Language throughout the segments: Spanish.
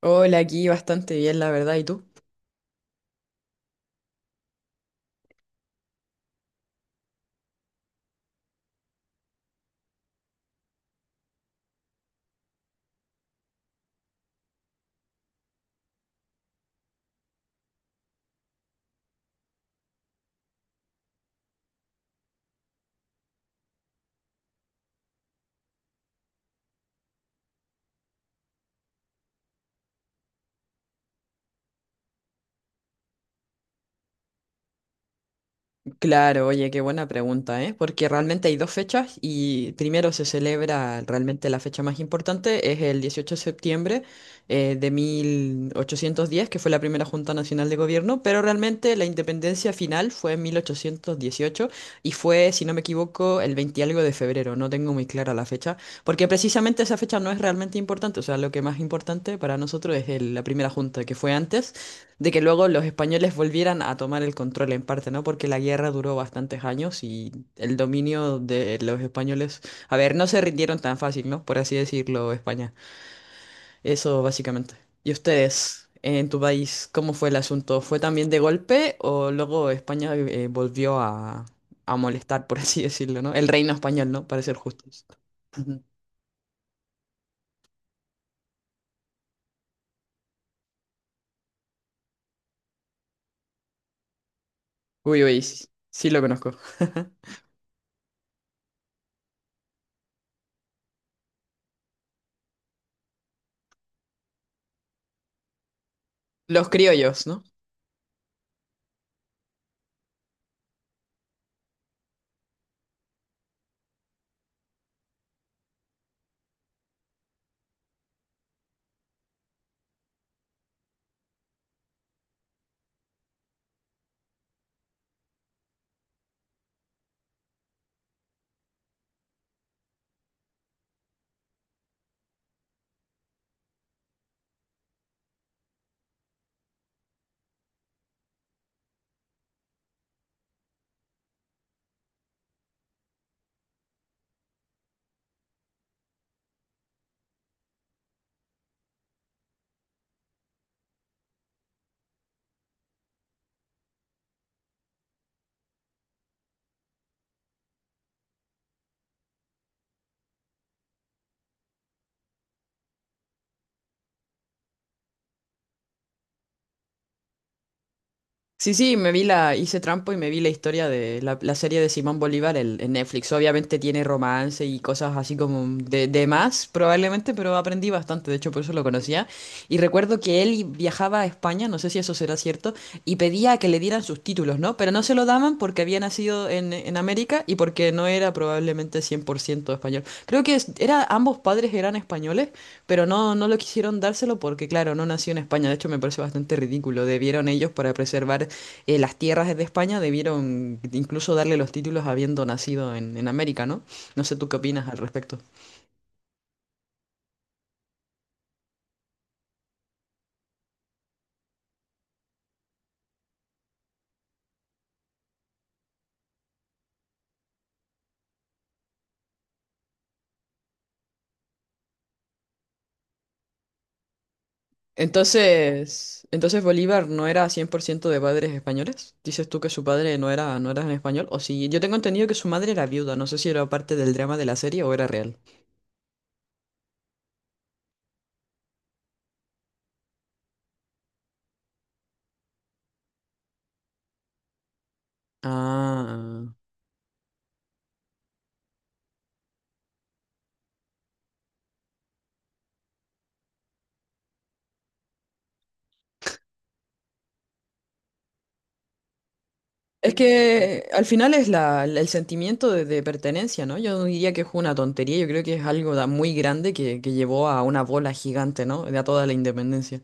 Hola, aquí bastante bien, la verdad. ¿Y tú? Claro, oye, qué buena pregunta, ¿eh? Porque realmente hay dos fechas y primero se celebra realmente la fecha más importante, es el 18 de septiembre de 1810, que fue la primera Junta Nacional de Gobierno, pero realmente la independencia final fue en 1818 y fue, si no me equivoco, el 20 y algo de febrero, no tengo muy clara la fecha, porque precisamente esa fecha no es realmente importante, o sea, lo que más importante para nosotros es la primera Junta que fue antes. De que luego los españoles volvieran a tomar el control en parte, ¿no? Porque la guerra duró bastantes años y el dominio de los españoles, a ver, no se rindieron tan fácil, ¿no? Por así decirlo, España. Eso básicamente. ¿Y ustedes, en tu país, cómo fue el asunto? ¿Fue también de golpe o luego España volvió a molestar, por así decirlo, ¿no? El reino español, ¿no? Para ser justos. Ujú. Uy, uy, sí, sí lo conozco. Los criollos, ¿no? Sí, sí, me vi hice trampo y me vi la historia de la serie de Simón Bolívar en Netflix. Obviamente tiene romance y cosas así como de más, probablemente, pero aprendí bastante, de hecho por eso lo conocía. Y recuerdo que viajaba a España, no sé si eso será cierto, y pedía que le dieran sus títulos, ¿no? Pero no se lo daban porque había nacido en América y porque no era probablemente 100% español. Creo que era, ambos padres eran españoles, pero no lo quisieron dárselo porque, claro, no nació en España. De hecho, me parece bastante ridículo. Debieron ellos para preservar las tierras de España debieron incluso darle los títulos habiendo nacido en América, ¿no? No sé tú qué opinas al respecto. Entonces Bolívar no era 100% de padres españoles. Dices tú que su padre no era, no era en español. O si yo tengo entendido que su madre era viuda. No sé si era parte del drama de la serie o era real. Ah. Es que al final es el sentimiento de pertenencia, ¿no? Yo no diría que es una tontería. Yo creo que es algo muy grande que llevó a una bola gigante, ¿no? De a toda la independencia.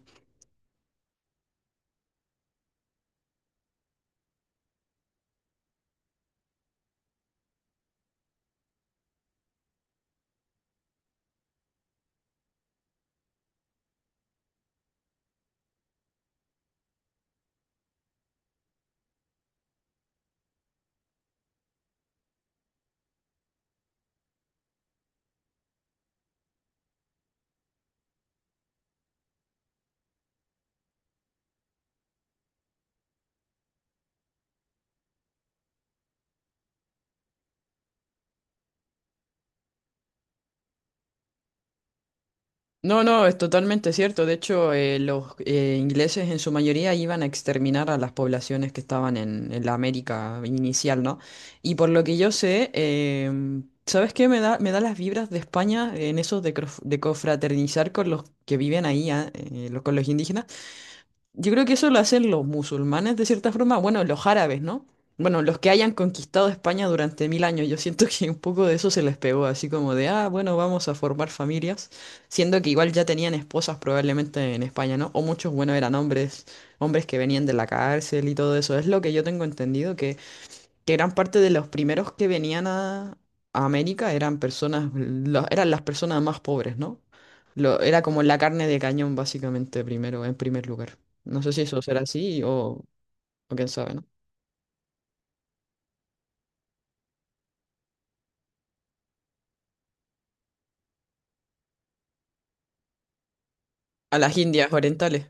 No, es totalmente cierto. De hecho, los ingleses en su mayoría iban a exterminar a las poblaciones que estaban en la América inicial, ¿no? Y por lo que yo sé, ¿sabes qué? Me da las vibras de España en eso de de cofraternizar con los que viven ahí, con los indígenas. Yo creo que eso lo hacen los musulmanes de cierta forma, bueno, los árabes, ¿no? Bueno, los que hayan conquistado España durante 1.000 años, yo siento que un poco de eso se les pegó, así como de, ah, bueno, vamos a formar familias, siendo que igual ya tenían esposas probablemente en España, ¿no? O muchos, bueno, eran hombres, hombres que venían de la cárcel y todo eso, es lo que yo tengo entendido, que gran parte de los primeros que venían a América eran personas, eran las personas más pobres, ¿no? Lo, era como la carne de cañón, básicamente, primero, en primer lugar. No sé si eso será así o quién sabe, ¿no? A las Indias orientales.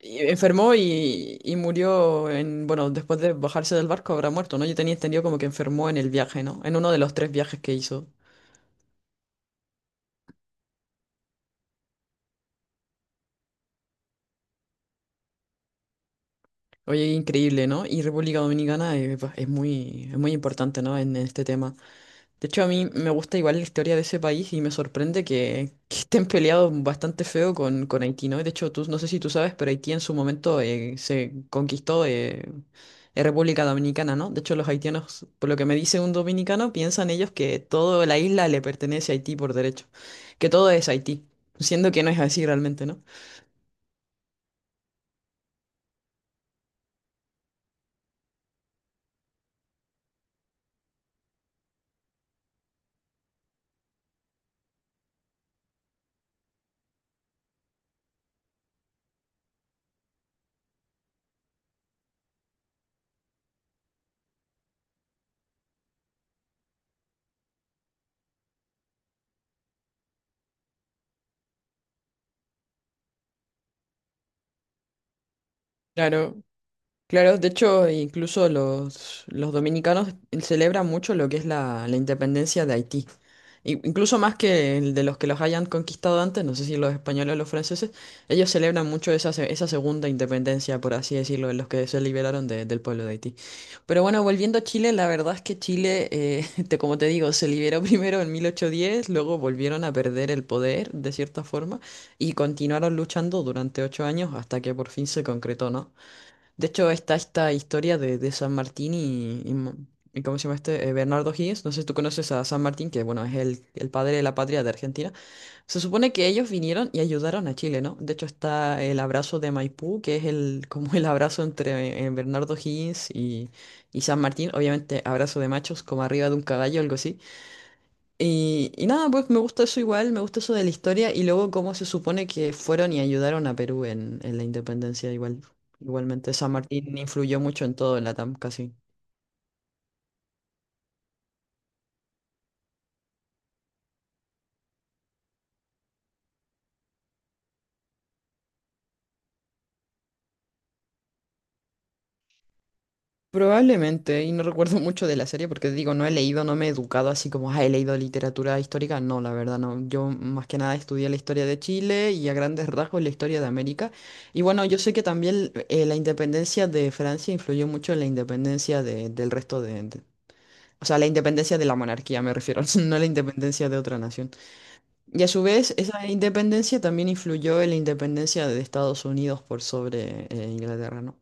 Y enfermó y murió en, bueno, después de bajarse del barco habrá muerto, ¿no? Yo tenía entendido como que enfermó en el viaje, ¿no? En uno de los tres viajes que hizo. Oye, increíble, ¿no? Y República Dominicana pues, es muy importante, ¿no? En este tema. De hecho, a mí me gusta igual la historia de ese país y me sorprende que, que estén peleados bastante feo con Haití, ¿no? De hecho, tú, no sé si tú sabes, pero Haití en su momento se conquistó República Dominicana, ¿no? De hecho, los haitianos, por lo que me dice un dominicano, piensan ellos que toda la isla le pertenece a Haití por derecho, que todo es Haití, siendo que no es así realmente, ¿no? Claro, claro, de hecho, incluso los dominicanos celebran mucho lo que es la independencia de Haití. I- Incluso más que el de los que los hayan conquistado antes, no sé si los españoles o los franceses, ellos celebran mucho esa segunda independencia, por así decirlo, de los que se liberaron del pueblo de Haití. Pero bueno, volviendo a Chile, la verdad es que Chile, como te digo, se liberó primero en 1810, luego volvieron a perder el poder, de cierta forma, y continuaron luchando durante 8 años hasta que por fin se concretó, ¿no? De hecho, está esta historia de San Martín y ¿cómo se llama este? Bernardo O'Higgins. No sé si tú conoces a San Martín, que bueno, es el padre de la patria de Argentina. Se supone que ellos vinieron y ayudaron a Chile, ¿no? De hecho, está el abrazo de Maipú, que es el, como el abrazo entre Bernardo O'Higgins y San Martín. Obviamente, abrazo de machos, como arriba de un caballo, algo así. Y nada, pues me gusta eso igual, me gusta eso de la historia y luego cómo se supone que fueron y ayudaron a Perú en la independencia igual. Igualmente, San Martín influyó mucho en todo en Latam, casi. Probablemente, y no recuerdo mucho de la serie porque digo, no he leído, no me he educado así como, ah, he leído literatura histórica. No, la verdad, no. Yo más que nada estudié la historia de Chile y a grandes rasgos la historia de América. Y bueno, yo sé que también la independencia de Francia influyó mucho en la independencia del resto o sea, la independencia de la monarquía, me refiero, no la independencia de otra nación. Y a su vez, esa independencia también influyó en la independencia de Estados Unidos por sobre Inglaterra, ¿no?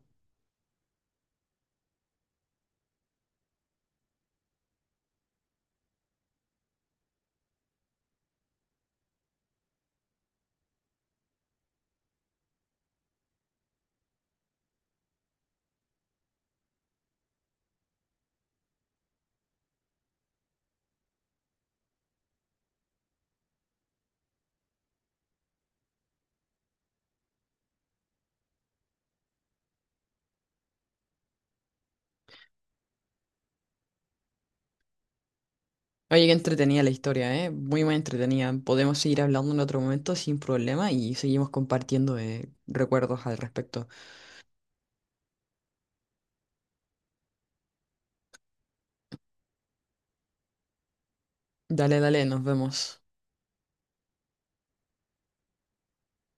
Oye, qué entretenida la historia, ¿eh? Muy, muy entretenida. Podemos seguir hablando en otro momento sin problema y seguimos compartiendo recuerdos al respecto. Dale, dale, nos vemos.